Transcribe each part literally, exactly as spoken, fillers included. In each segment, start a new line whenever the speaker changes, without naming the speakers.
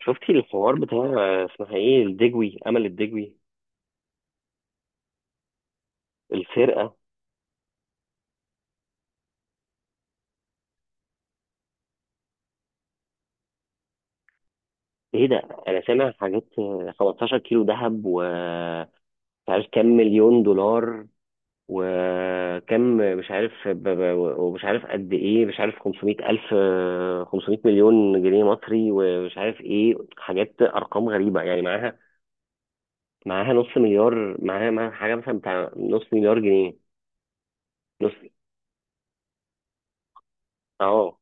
شفتي الحوار بتاع، اسمها ايه، الدجوي، امل الدجوي؟ السرقه. ايه ده؟ انا سامع حاجات، آه، خمستاشر كيلو ذهب، و مش عارف كام مليون دولار، وكم مش عارف ب- ب- ومش عارف قد ايه، مش عارف خمسمئة الف، آه، خمسمئة مليون جنيه مصري، ومش عارف ايه، حاجات ارقام غريبه يعني معاها. معاها نص مليار، معاها معاها حاجه مثلا بتاع نص مليار جنيه. نص. اه.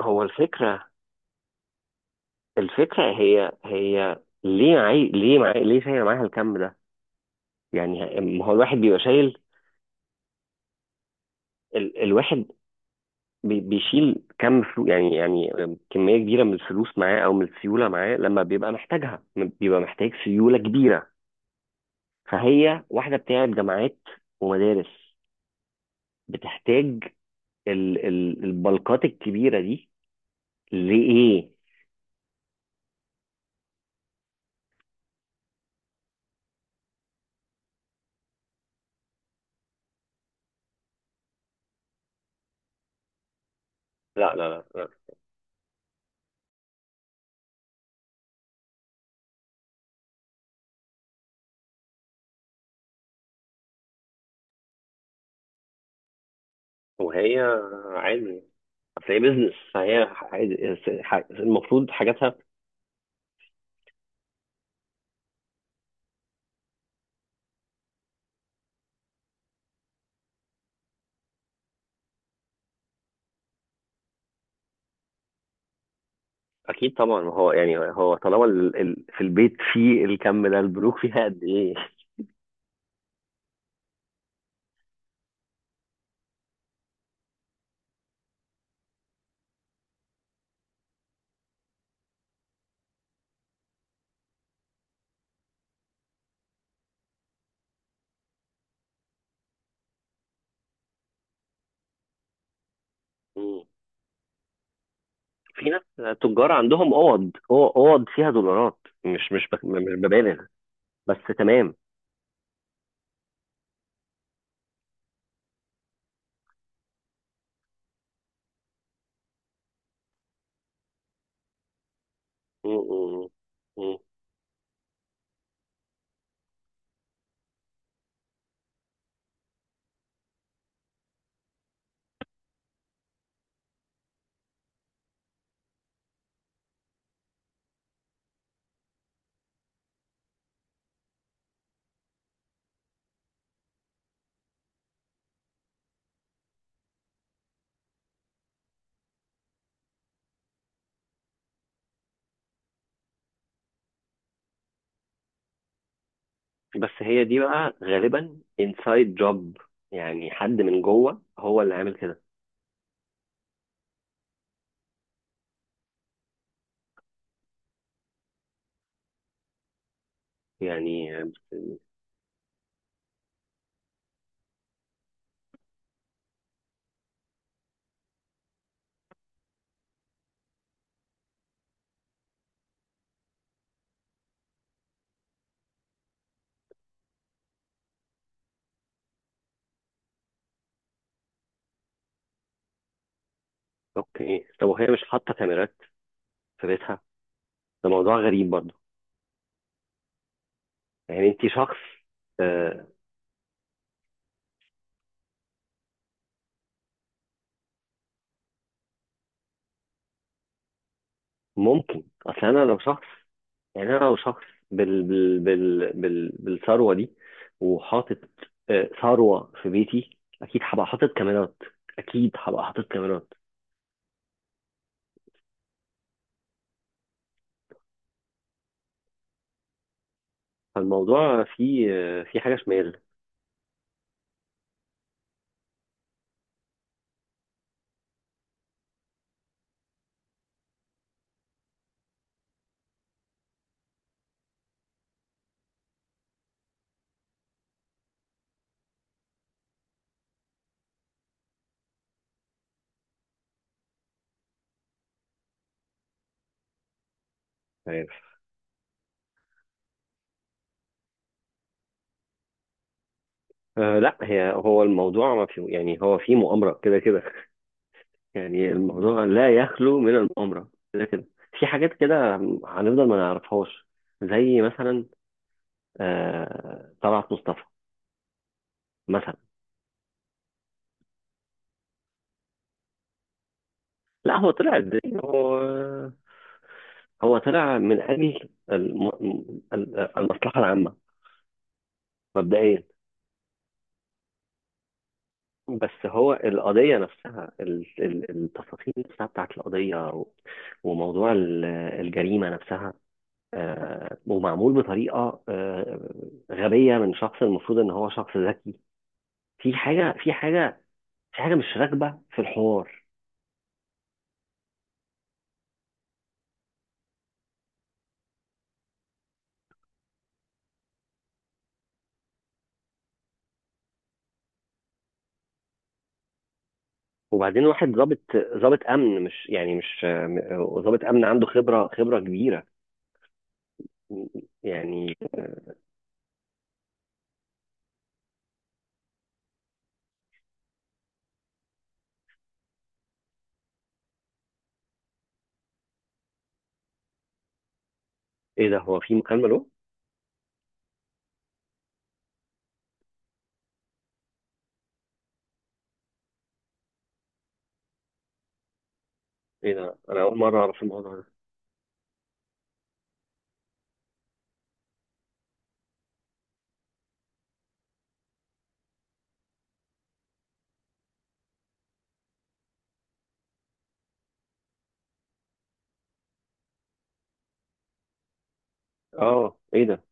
هو الفكره الفكرة هي هي. ليه معي، ليه معي، ليه شايل معاها الكم ده؟ يعني ما هو الواحد بيبقى شايل ال... الواحد بي... بيشيل كم فلوس، يعني يعني كمية كبيرة من الفلوس معاه، أو من السيولة معاه لما بيبقى محتاجها، بيبقى محتاج سيولة كبيرة. فهي واحدة بتاعت جامعات ومدارس، بتحتاج ال... ال... البلقات الكبيرة دي لإيه؟ لا، لا، لا، لا. وهي عادي. اصل هي بيزنس، فهي عادي، المفروض حاجاتها. اكيد طبعا، ما هو يعني هو طالما ال... ال... في البيت في الكم ده، البنوك فيها قد ايه؟ مم. في ناس تجار عندهم اوض، أو- اوض فيها دولارات. مش مش بك... مش ببالغ، بس تمام. مم. مم. مم. بس هي دي بقى غالبا انسايد جوب، يعني حد من جوه هو اللي عامل كده يعني. اوكي، طب وهي مش حاطه كاميرات في بيتها؟ ده موضوع غريب برضه. يعني انت شخص، آه، ممكن اصل انا لو شخص، يعني أنا لو شخص بال بال بال بال بالثروة دي، وحاطط آه، ثروة في بيتي، أكيد هبقى حاطط كاميرات. أكيد هبقى حاطط كاميرات. فالموضوع فيه آه، فيه حاجة شمال. عارف؟ آه، لا. هي هو الموضوع ما فيه، يعني هو فيه مؤامرة كده كده. يعني الموضوع لا يخلو من المؤامرة كده كده. في حاجات كده هنفضل ما نعرفهاش، زي مثلا آه طلعت مصطفى مثلا. لا، هو طلع ازاي؟ هو هو طلع من اجل الم... ال- المصلحه العامه، مبدئيا. بس هو القضيه نفسها، ال- ال- التفاصيل نفسها بتاعت القضيه، و- وموضوع ال- الجريمه نفسها، آه، ومعمول بطريقه آه، غبيه من شخص المفروض ان هو شخص ذكي. في حاجه، في حاجه في حاجه مش راكبه في الحوار. وبعدين واحد ضابط، ضابط امن مش يعني مش آه، ضابط امن عنده خبره خبره كبيره يعني. ايه ده، هو في مكالمه له؟ ايه ده، انا اول مره اعرف الموضوع ده. اه، ايه ده؟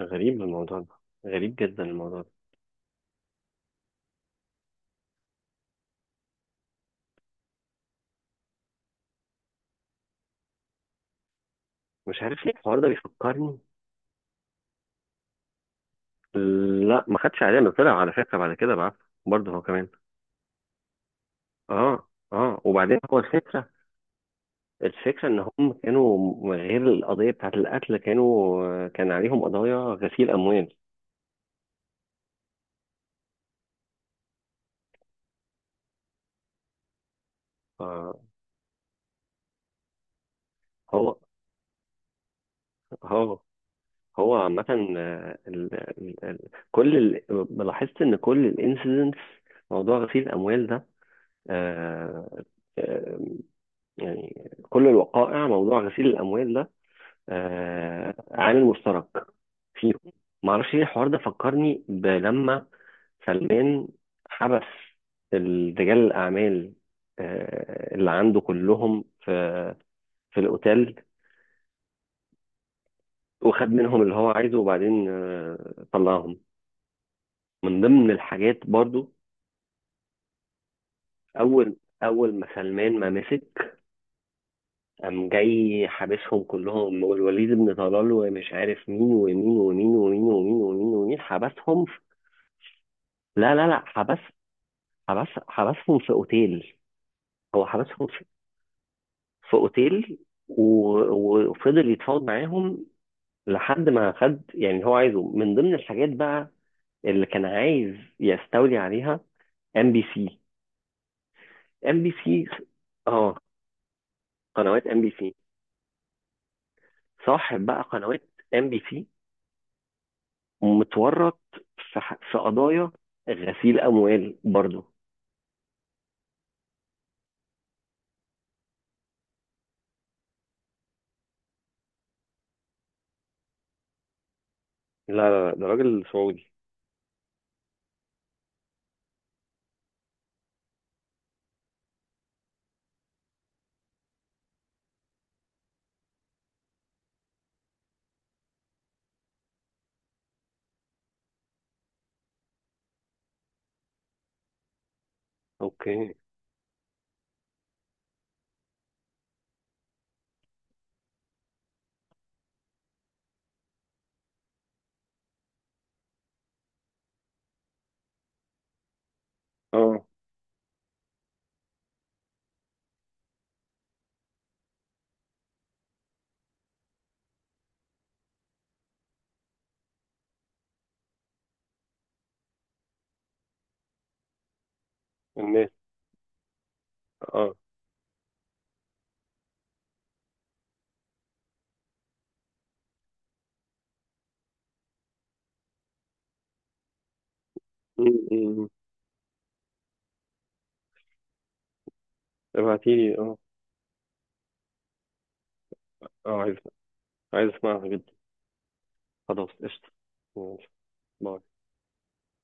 غريب الموضوع ده. غريب جدا الموضوع ده. مش عارف ليه الحوار ده بيفكرني. لا، ما خدش، علينا طلع على فكره بعد كده بقى، برضه هو كمان. اه، اه، وبعدين هو الفكره. الفكره ان هم كانوا غير القضيه بتاعت القتل، كانوا كان عليهم قضايا غسيل اموال. آه، هو هو هو عامه، آه، ال- ال- ال- كل ال- لاحظت ان كل الانسيدنتس، موضوع غسيل الاموال ده، آه، آه، يعني كل الوقائع موضوع غسيل الأموال ده آه، عامل مشترك فيهم. معرفش ليه الحوار ده فكرني بلما سلمان حبس رجال الأعمال آه، اللي عنده كلهم في في الأوتيل، وخد منهم اللي هو عايزه، وبعدين آه، طلعهم. من ضمن الحاجات برضو، أول أول ما سلمان ما مسك، قام جاي حابسهم كلهم، والوليد بن طلال ومش عارف مين ومين ومين ومين ومين ومين ومين، حبسهم في- لا، لا، لا، حبس. حبس حبسهم في اوتيل. هو حبسهم في في اوتيل، و- وفضل يتفاوض معاهم، لحد ما خد يعني هو عايزه من ضمن الحاجات بقى، اللي كان عايز يستولي عليها: ام بي سي. ام بي سي. اه، قنوات ام بي سي. صاحب بقى قنوات ام بي سي متورط في ح- في قضايا غسيل اموال برضه. لا، لا، لا، ده راجل سعودي. اوكي. اه. الناس. اه. م- م- م. ابعتيلي، اه. اه، عايز. عايز اسمعها جدا. خلاص، قشطة. ماشي. باي.